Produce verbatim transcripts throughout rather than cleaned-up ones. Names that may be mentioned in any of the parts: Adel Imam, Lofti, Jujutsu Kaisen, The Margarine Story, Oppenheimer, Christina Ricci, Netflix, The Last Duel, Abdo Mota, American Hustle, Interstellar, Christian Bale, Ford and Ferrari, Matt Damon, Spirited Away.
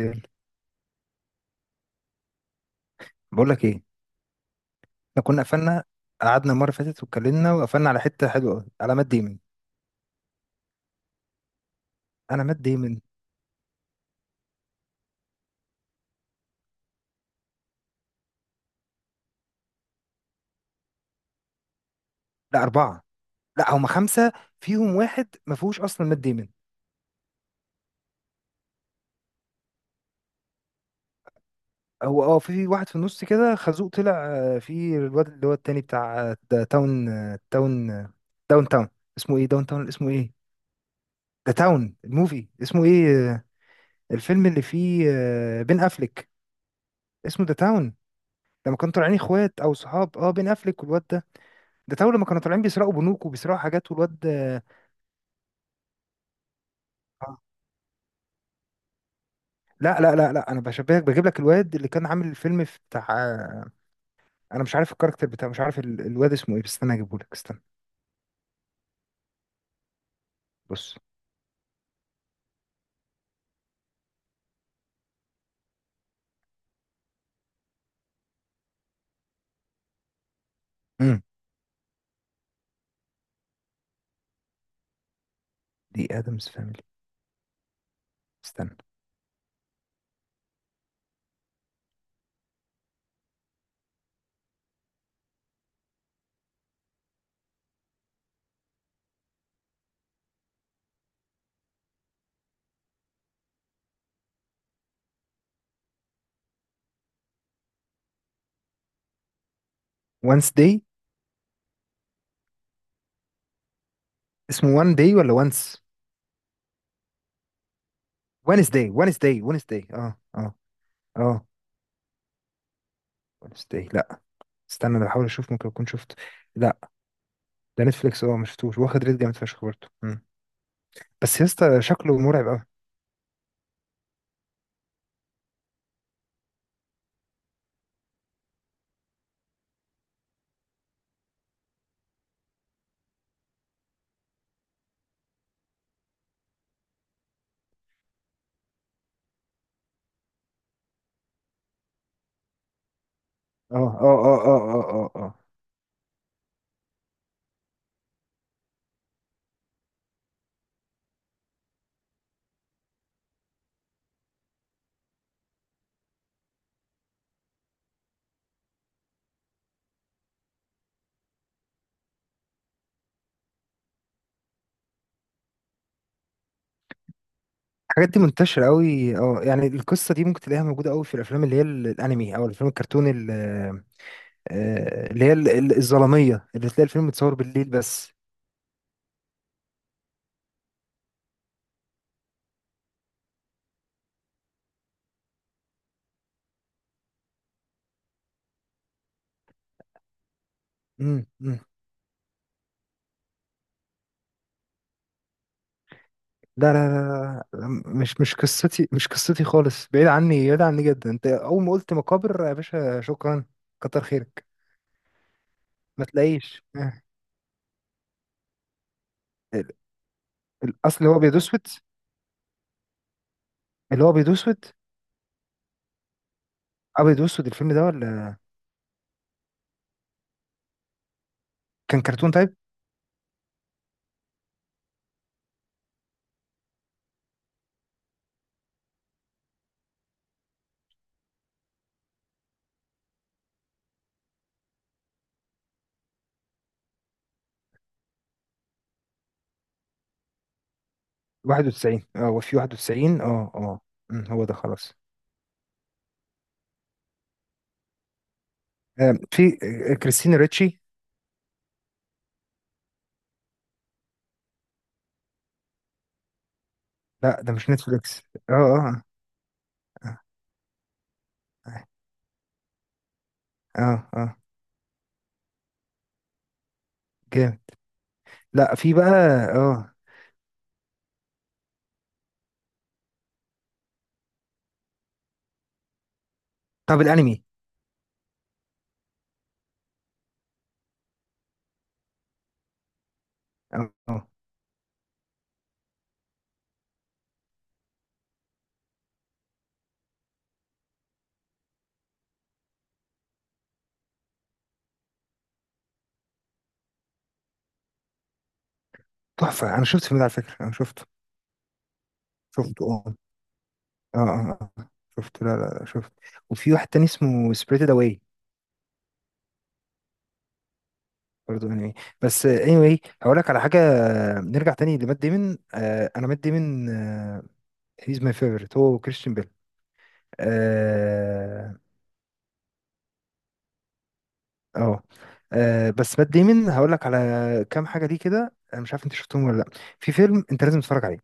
يلا. بقول لك ايه، احنا كنا قفلنا. قعدنا المره اللي فاتت واتكلمنا وقفلنا على حته حلوه قوي على مات ديمن. انا مات ديمن. لا اربعه. لا هما خمسه. فيهم واحد ما فيهوش اصلا مات ديمن. هو اه في واحد في النص كده خازوق طلع. آه، في الواد اللي هو التاني بتاع، آه، دا- تاون آه، تاون آه، داون تاون. اسمه ايه داون تاون؟ اسمه ايه ده تاون الموفي؟ اسمه ايه؟ آه، الفيلم اللي فيه آه، بين افليك. اسمه ده تاون. لما كانوا طالعين اخوات او صحاب اه بين افليك والواد ده، ده تاون لما كانوا طالعين بيسرقوا بنوك وبيسرقوا حاجات والواد آه، آه. لا لا لا لا انا بشبهك بجيب لك الواد اللي كان عامل الفيلم في بتاع. انا مش عارف الكاركتر بتاعه، مش عارف ال- الواد اسمه ايه، بس استنى اجيبه لك. استنى. بص. امم دي ادمز فاميلي. استنى. وانس داي. اسمه وان داي ولا وانس؟ وانس داي وانس داي وانس داي اه اه. اه. وانس داي؟ لا. استنى انا بحاول اشوف ممكن اكون شفته. لا. ده نتفليكس؟ اه، ما شفتوش. واخد ريت جامد فشخ برضه. مم. بس يا اسطى شكله مرعب قوي. اه اه اه اه اه اه اه. الحاجات دي منتشرة قوي، اه يعني القصة دي ممكن تلاقيها موجودة قوي في الأفلام اللي هي ال- الأنمي أو الأفلام الكرتون ال- آه، اللي هي ال- ال- الظلامية اللي تلاقي الفيلم متصور بالليل بس. مم. مم. لا لا لا لا لا، مش مش قصتي، مش قصتي خالص، بعيد عني، بعيد عني جدا. أنت أول ما قلت مقابر يا باشا، شكرا، كتر خيرك. ما تلاقيش. آه. ال- الأصل اللي هو أبيض وأسود، اللي هو أبيض وأسود. أبيض وأسود الفيلم ده ولا كان كرتون تايب؟ واحد وتسعين، اه هو في واحد وتسعين، اه اه. مم، هو ده خلاص. آه، في آه، كريستينا ريتشي. لا ده مش نتفليكس. اه اه اه اه. آه، آه، جامد. لا في بقى. اه. طب الانمي؟ اه. آه، تحفه، انا شفت الفيلم ده على فكره، انا شفته. شفته اه اه اه. آه، شفته. لا لا لا، شفته. وفي واحد تاني اسمه سبريتد اواي، برضه انمي. بس anyway هقول لك على حاجه. آه، نرجع تاني لمات ديمون. آه انا مات ديمون هيز ماي فيفورت. هو كريستيان بيل. آه، اه آه، بس بات ديمون هقول لك على كام حاجه دي كده، انا مش عارف انت شفتهم ولا لا. في فيلم انت لازم تتفرج عليه.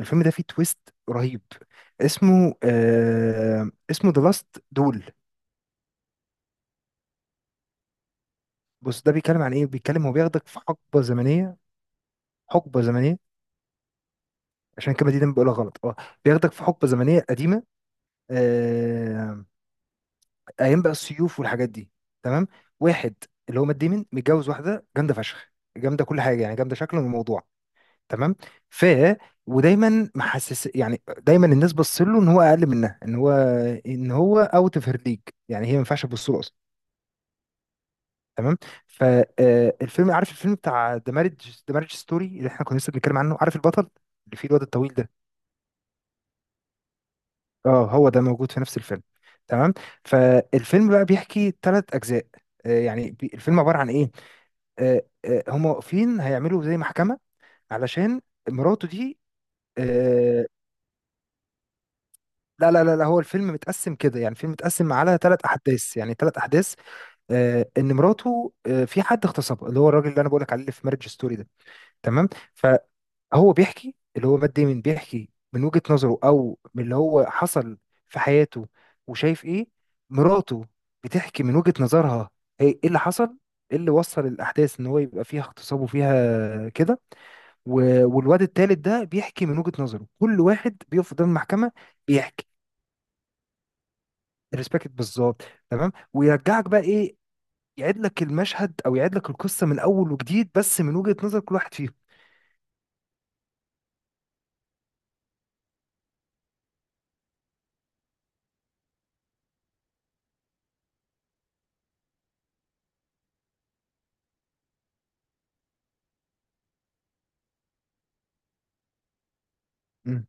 الفيلم ده فيه تويست رهيب. اسمه آه اسمه ذا لاست دول. بص، ده بيتكلم عن ايه؟ بيتكلم، هو بياخدك في حقبه زمنيه، حقبه زمنيه، عشان الكلمه دي دايما بقولها غلط اه. بياخدك في حقبه زمنيه قديمه، آه، ايام بقى السيوف والحاجات دي، تمام؟ واحد اللي هو مات ديمون متجوز واحده جامده فشخ، جامده كل حاجه يعني، جامده شكلا وموضوعا. تمام. ف ودايما محسس، يعني دايما الناس بص له ان هو اقل منها، ان هو، ان هو اوت اوف هير ليج. يعني هي ما ينفعش تبص له اصلا. تمام. فالفيلم، عارف الفيلم بتاع ذا مارج، ذا مارج ستوري اللي احنا كنا لسه بنتكلم عنه؟ عارف البطل اللي فيه الواد الطويل ده؟ اه هو ده موجود في نفس الفيلم. تمام. فالفيلم بقى بيحكي ثلاث اجزاء. آه، يعني بي- الفيلم عباره عن ايه؟ آه، آه، هم واقفين هيعملوا زي محكمه علشان مراته دي. آه، لا لا لا لا هو الفيلم متقسم كده، يعني الفيلم متقسم على ثلاث احداث، يعني ثلاث احداث. آه ان مراته آه في حد اغتصبها، اللي هو الراجل اللي انا بقولك عليه، اللي في مارج ستوري ده. تمام. فهو بيحكي، اللي هو مات ديمون بيحكي من وجهة نظره، او من اللي هو حصل في حياته وشايف ايه. مراته بتحكي من وجهة نظرها، هي ايه اللي حصل، ايه اللي وصل الاحداث ان هو يبقى فيها اغتصاب وفيها كده. و- والواد التالت ده بيحكي من وجهة نظره، كل واحد بيقف قدام المحكمة بيحكي. ريسبكت بالظبط. تمام. ويرجعك بقى ايه، يعيد لك المشهد او يعيد لك القصه من اول وجديد بس من وجهه نظر كل واحد فيهم. مم.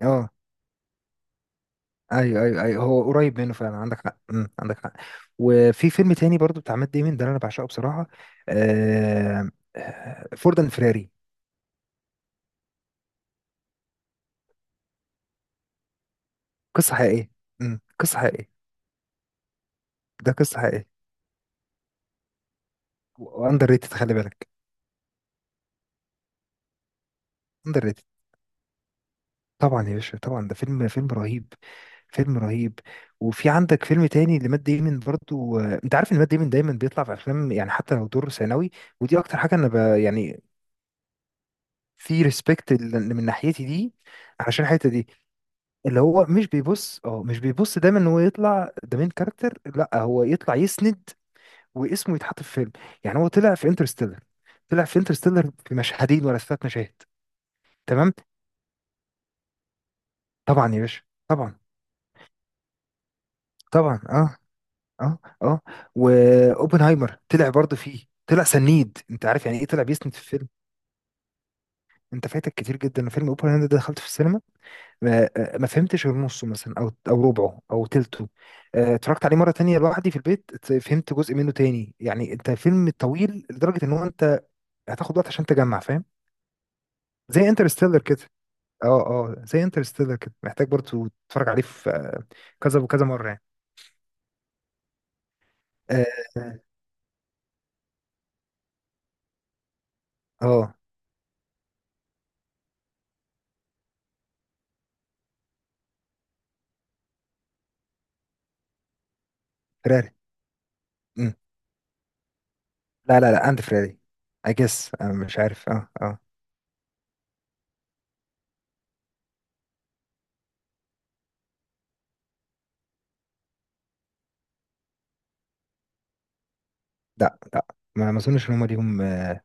اه. ايوه ايوه ايوه، هو قريب منه فعلا، عندك حق. مم. عندك حق. وفي فيلم تاني برضو بتاع مات ديمون ده اللي انا بعشقه بصراحه. آه... آه، فورد اند فيراري. قصه حقيقيه. مم. قصه حقيقيه. ده قصه حقيقيه. واندر ريتد، خلي بالك. اندر ريتد. طبعا يا باشا طبعا، ده فيلم فيلم رهيب، فيلم رهيب. وفي عندك فيلم تاني لمات ديمون برضو. آه، انت عارف ان مات ديمون دايما بيطلع في افلام، يعني حتى لو دور ثانوي، ودي اكتر حاجه انا ب... يعني في ريسبكت من ناحيتي دي، علشان الحته دي، اللي هو مش بيبص، اه مش بيبص دايما ان هو يطلع ده مين كاركتر، لا، هو يطلع يسند واسمه يتحط في فيلم. يعني هو طلع في انترستيلر، طلع في انترستيلر في مشهدين ولا ثلاث مشاهد. تمام. طبعا يا باشا، طبعا. طبعا اه اه اه. واوبنهايمر طلع برضه فيه، طلع سنيد، انت عارف يعني ايه طلع بيسند في الفيلم. انت فايتك كتير جدا. أنا فيلم اوبنهايمر ده دخلته في السينما، ما, ما فهمتش غير نصه مثلا او او ربعه او تلته. آه، اتفرجت عليه مره تانية لوحدي في البيت، ات- فهمت جزء منه تاني. يعني انت فيلم طويل لدرجه ان هو انت هتاخد وقت عشان تجمع، فاهم؟ زي انترستيلر كده. اه اه زي انترستيلر كده، محتاج برضه تتفرج عليه في آه، كذا وكذا مره يعني. اه اه. آه، فراري. لا لا لا اند فريدي، اي جس مش عارف اه اه. لا لا، ما ما اظنش ان هم ليهم، آه،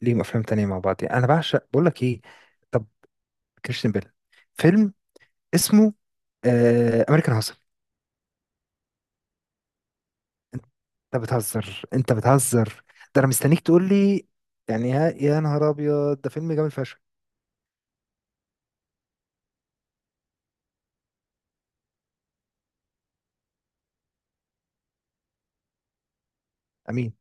ليهم افلام تانية مع بعض يعني. انا بعشق، بقول لك ايه، طب كريستيان بيل فيلم اسمه امريكان هاسل. انت بتهزر، انت بتهزر، ده انا مستنيك تقول لي يعني ها يا نهار ابيض، ده فيلم جامد فشخ. امين.